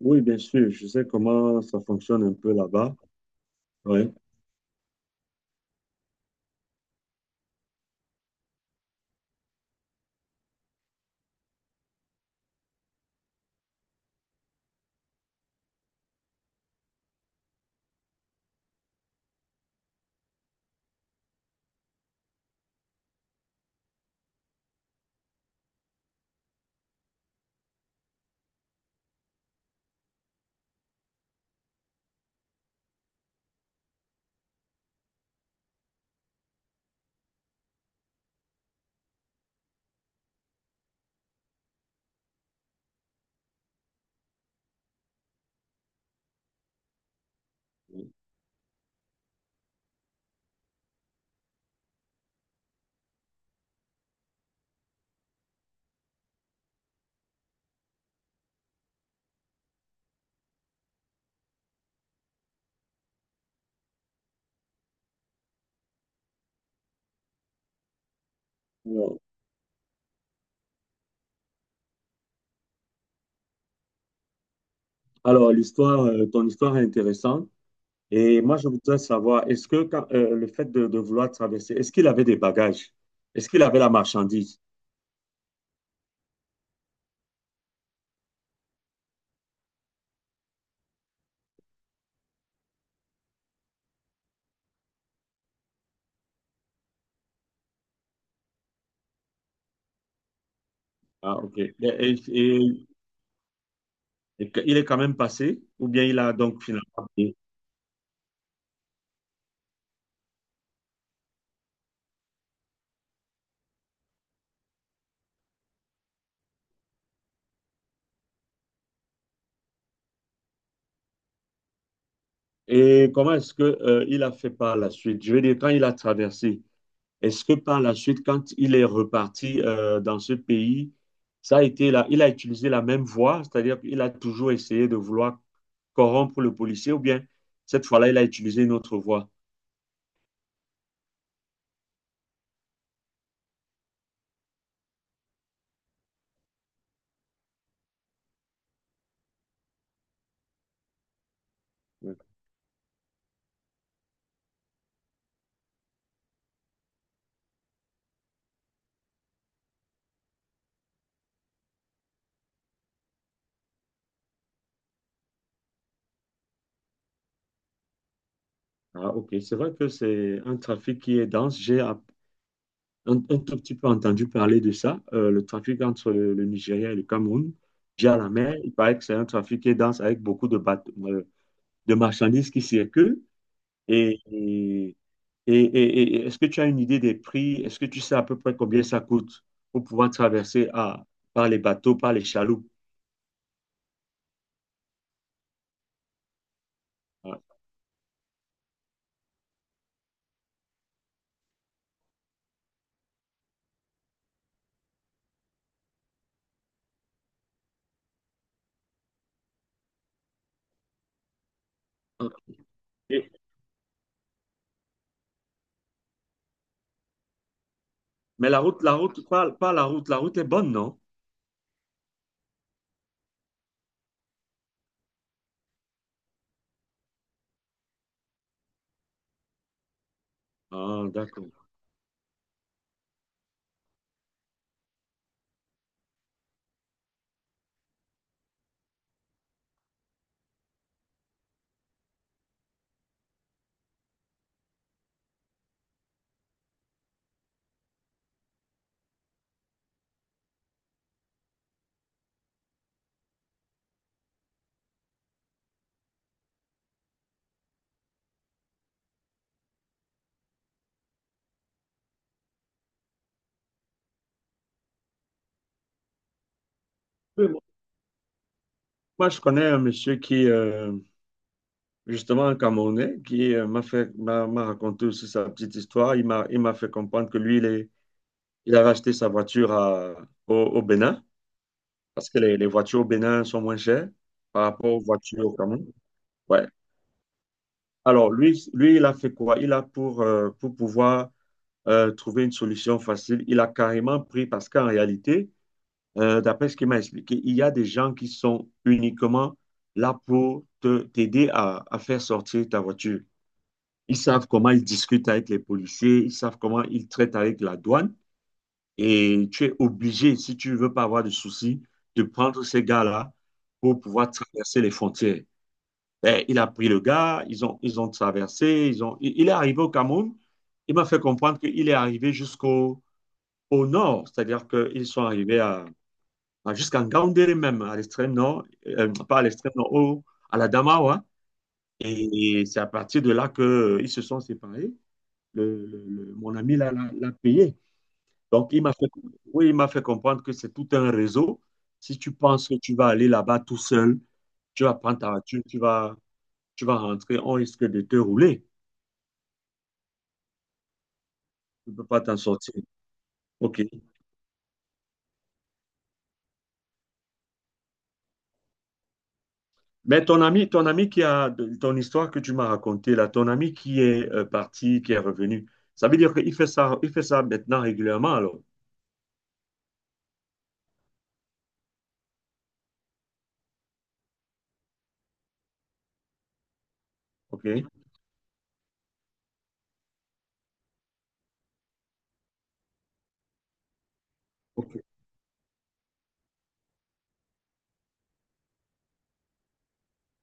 Oui, bien sûr, je sais comment ça fonctionne un peu là-bas. Ouais. Alors, alors, ton histoire est intéressante. Et moi, je voudrais savoir, le fait de vouloir traverser, est-ce qu'il avait des bagages? Est-ce qu'il avait la marchandise? Ah, ok. Et que- il est quand même passé, ou bien il a donc finalement payé? Et comment est-ce que, il a fait par la suite? Je veux dire, quand il a traversé, est-ce que par la suite, quand il est reparti dans ce pays, ça a été là, il a utilisé la même voie, c'est-à-dire qu'il a toujours essayé de vouloir corrompre le policier, ou bien cette fois-là, il a utilisé une autre voie? Oui. Ah, ok, c'est vrai que c'est un trafic qui est dense. Un tout petit peu entendu parler de ça, le trafic entre le Nigeria et le Cameroun via la mer. Il paraît que c'est un trafic qui est dense avec beaucoup de, de marchandises qui circulent. Et, et, et est-ce que tu as une idée des prix? Est-ce que tu sais à peu près combien ça coûte pour pouvoir traverser à, par les bateaux, par les chaloupes? Ah, ok. Mais la route, pas, la route est bonne, non? Ah, d'accord. Oui. Moi, je connais un monsieur qui, justement, un Camerounais, qui m'a fait, m'a raconté aussi sa petite histoire. Il m'a fait comprendre que lui, il est- il a racheté sa voiture à- au Bénin, parce que les voitures au Bénin sont moins chères par rapport aux voitures au Cameroun. Ouais. Alors, lui, il a fait quoi? Il a pour pouvoir trouver une solution facile, il a carrément pris, parce qu'en réalité, d'après ce qu'il m'a expliqué, il y a des gens qui sont uniquement là pour te, t'aider à faire sortir ta voiture. Ils savent comment ils discutent avec les policiers, ils savent comment ils traitent avec la douane. Et tu es obligé, si tu ne veux pas avoir de soucis, de prendre ces gars-là pour pouvoir traverser les frontières. Ben, il a pris le gars, ils ont traversé, ils ont, il est arrivé au Cameroun. Il m'a fait comprendre qu'il est arrivé jusqu'au au nord, c'est-à-dire qu'ils sont arrivés à- jusqu'en Ngaoundéré même, à l'extrême nord, pas à l'extrême nord, au- à la Damawa. Et c'est à partir de là qu'ils se sont séparés. Mon ami l'a payé. Donc, il m'a fait, oui, il m'a fait comprendre que c'est tout un réseau. Si tu penses que tu vas aller là-bas tout seul, tu vas prendre ta voiture, tu vas rentrer, on risque de te rouler. Tu ne peux pas t'en sortir. OK. Mais ton ami qui a ton histoire que tu m'as racontée, là, ton ami qui est parti, qui est revenu, ça veut dire qu'il fait ça, il fait ça maintenant régulièrement, alors. OK. OK.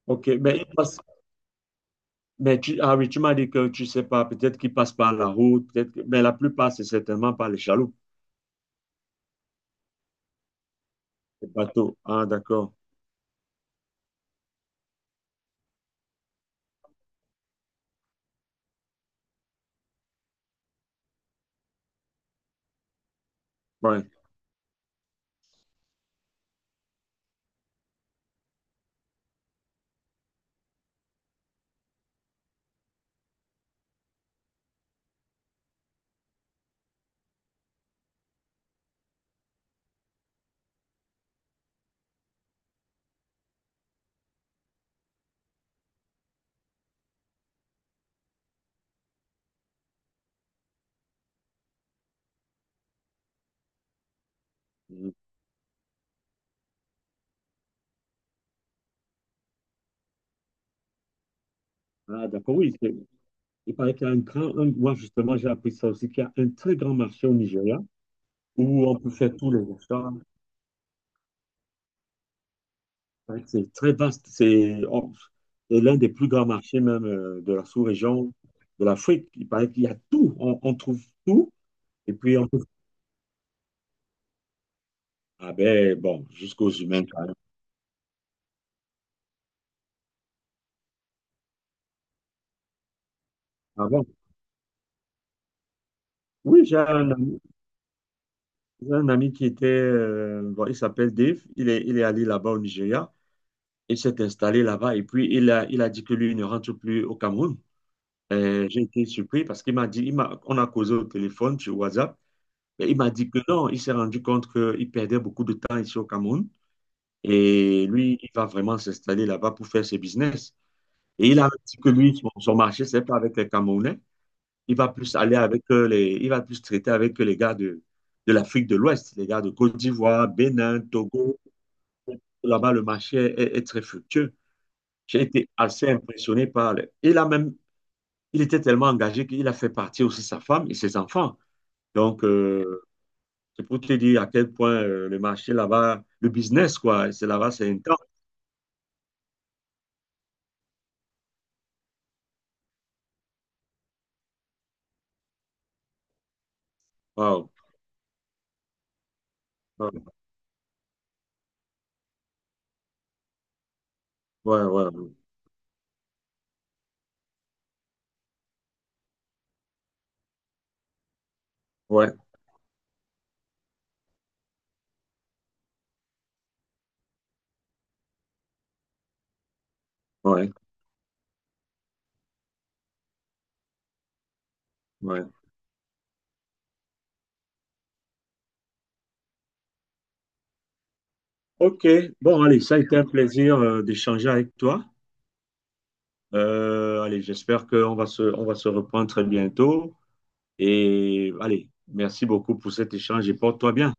OK. Mais il passe. Mais tu, ah oui, tu m'as dit que tu ne sais pas, peut-être qu'il passe par la route, peut-être que- mais la plupart, c'est certainement par les chaloupes, les bateaux. Ah, d'accord. Ouais. Ah, d'accord, oui. C'est- il paraît qu'il y a un grand, un- moi, justement, j'ai appris ça aussi, qu'il y a un très grand marché au Nigeria où on peut faire tous les achats. C'est vrai que c'est très vaste. C'est on- c'est l'un des plus grands marchés même de la sous-région de l'Afrique. Il paraît qu'il y a tout. On trouve tout. Et puis, on trouve... Ah ben, bon, jusqu'aux humains quand même. Ah bon. Oui, j'ai un ami qui était... bon, il s'appelle Dave. Il est allé là-bas au Nigeria. Il s'est installé là-bas. Et puis, il a dit que lui, il ne rentre plus au Cameroun. J'ai été surpris parce qu'il m'a dit... Il m'a, on a causé au téléphone sur WhatsApp. Mais il m'a dit que non, il s'est rendu compte qu'il perdait beaucoup de temps ici au Cameroun. Et lui, il va vraiment s'installer là-bas pour faire ses business. Et il a dit que lui, son marché, c'est pas avec les Camerounais. Il va plus aller avec il va plus traiter avec les gars de l'Afrique de l'Ouest, les gars de Côte d'Ivoire, Bénin, Togo. Là-bas, le marché est très fructueux. J'ai été assez impressionné par le- il a même, il était tellement engagé qu'il a fait partir aussi sa femme et ses enfants. Donc, c'est pour te dire à quel point le marché là-bas, le business, quoi, c'est là-bas, c'est intense. Wow. Wow. Ouais, ouais, ouais, ouais, ouais. Ouais. OK. Bon, allez, ça a été un plaisir d'échanger avec toi. Allez, j'espère qu'on va se, on va se reprendre très bientôt. Et allez, merci beaucoup pour cet échange et porte-toi bien.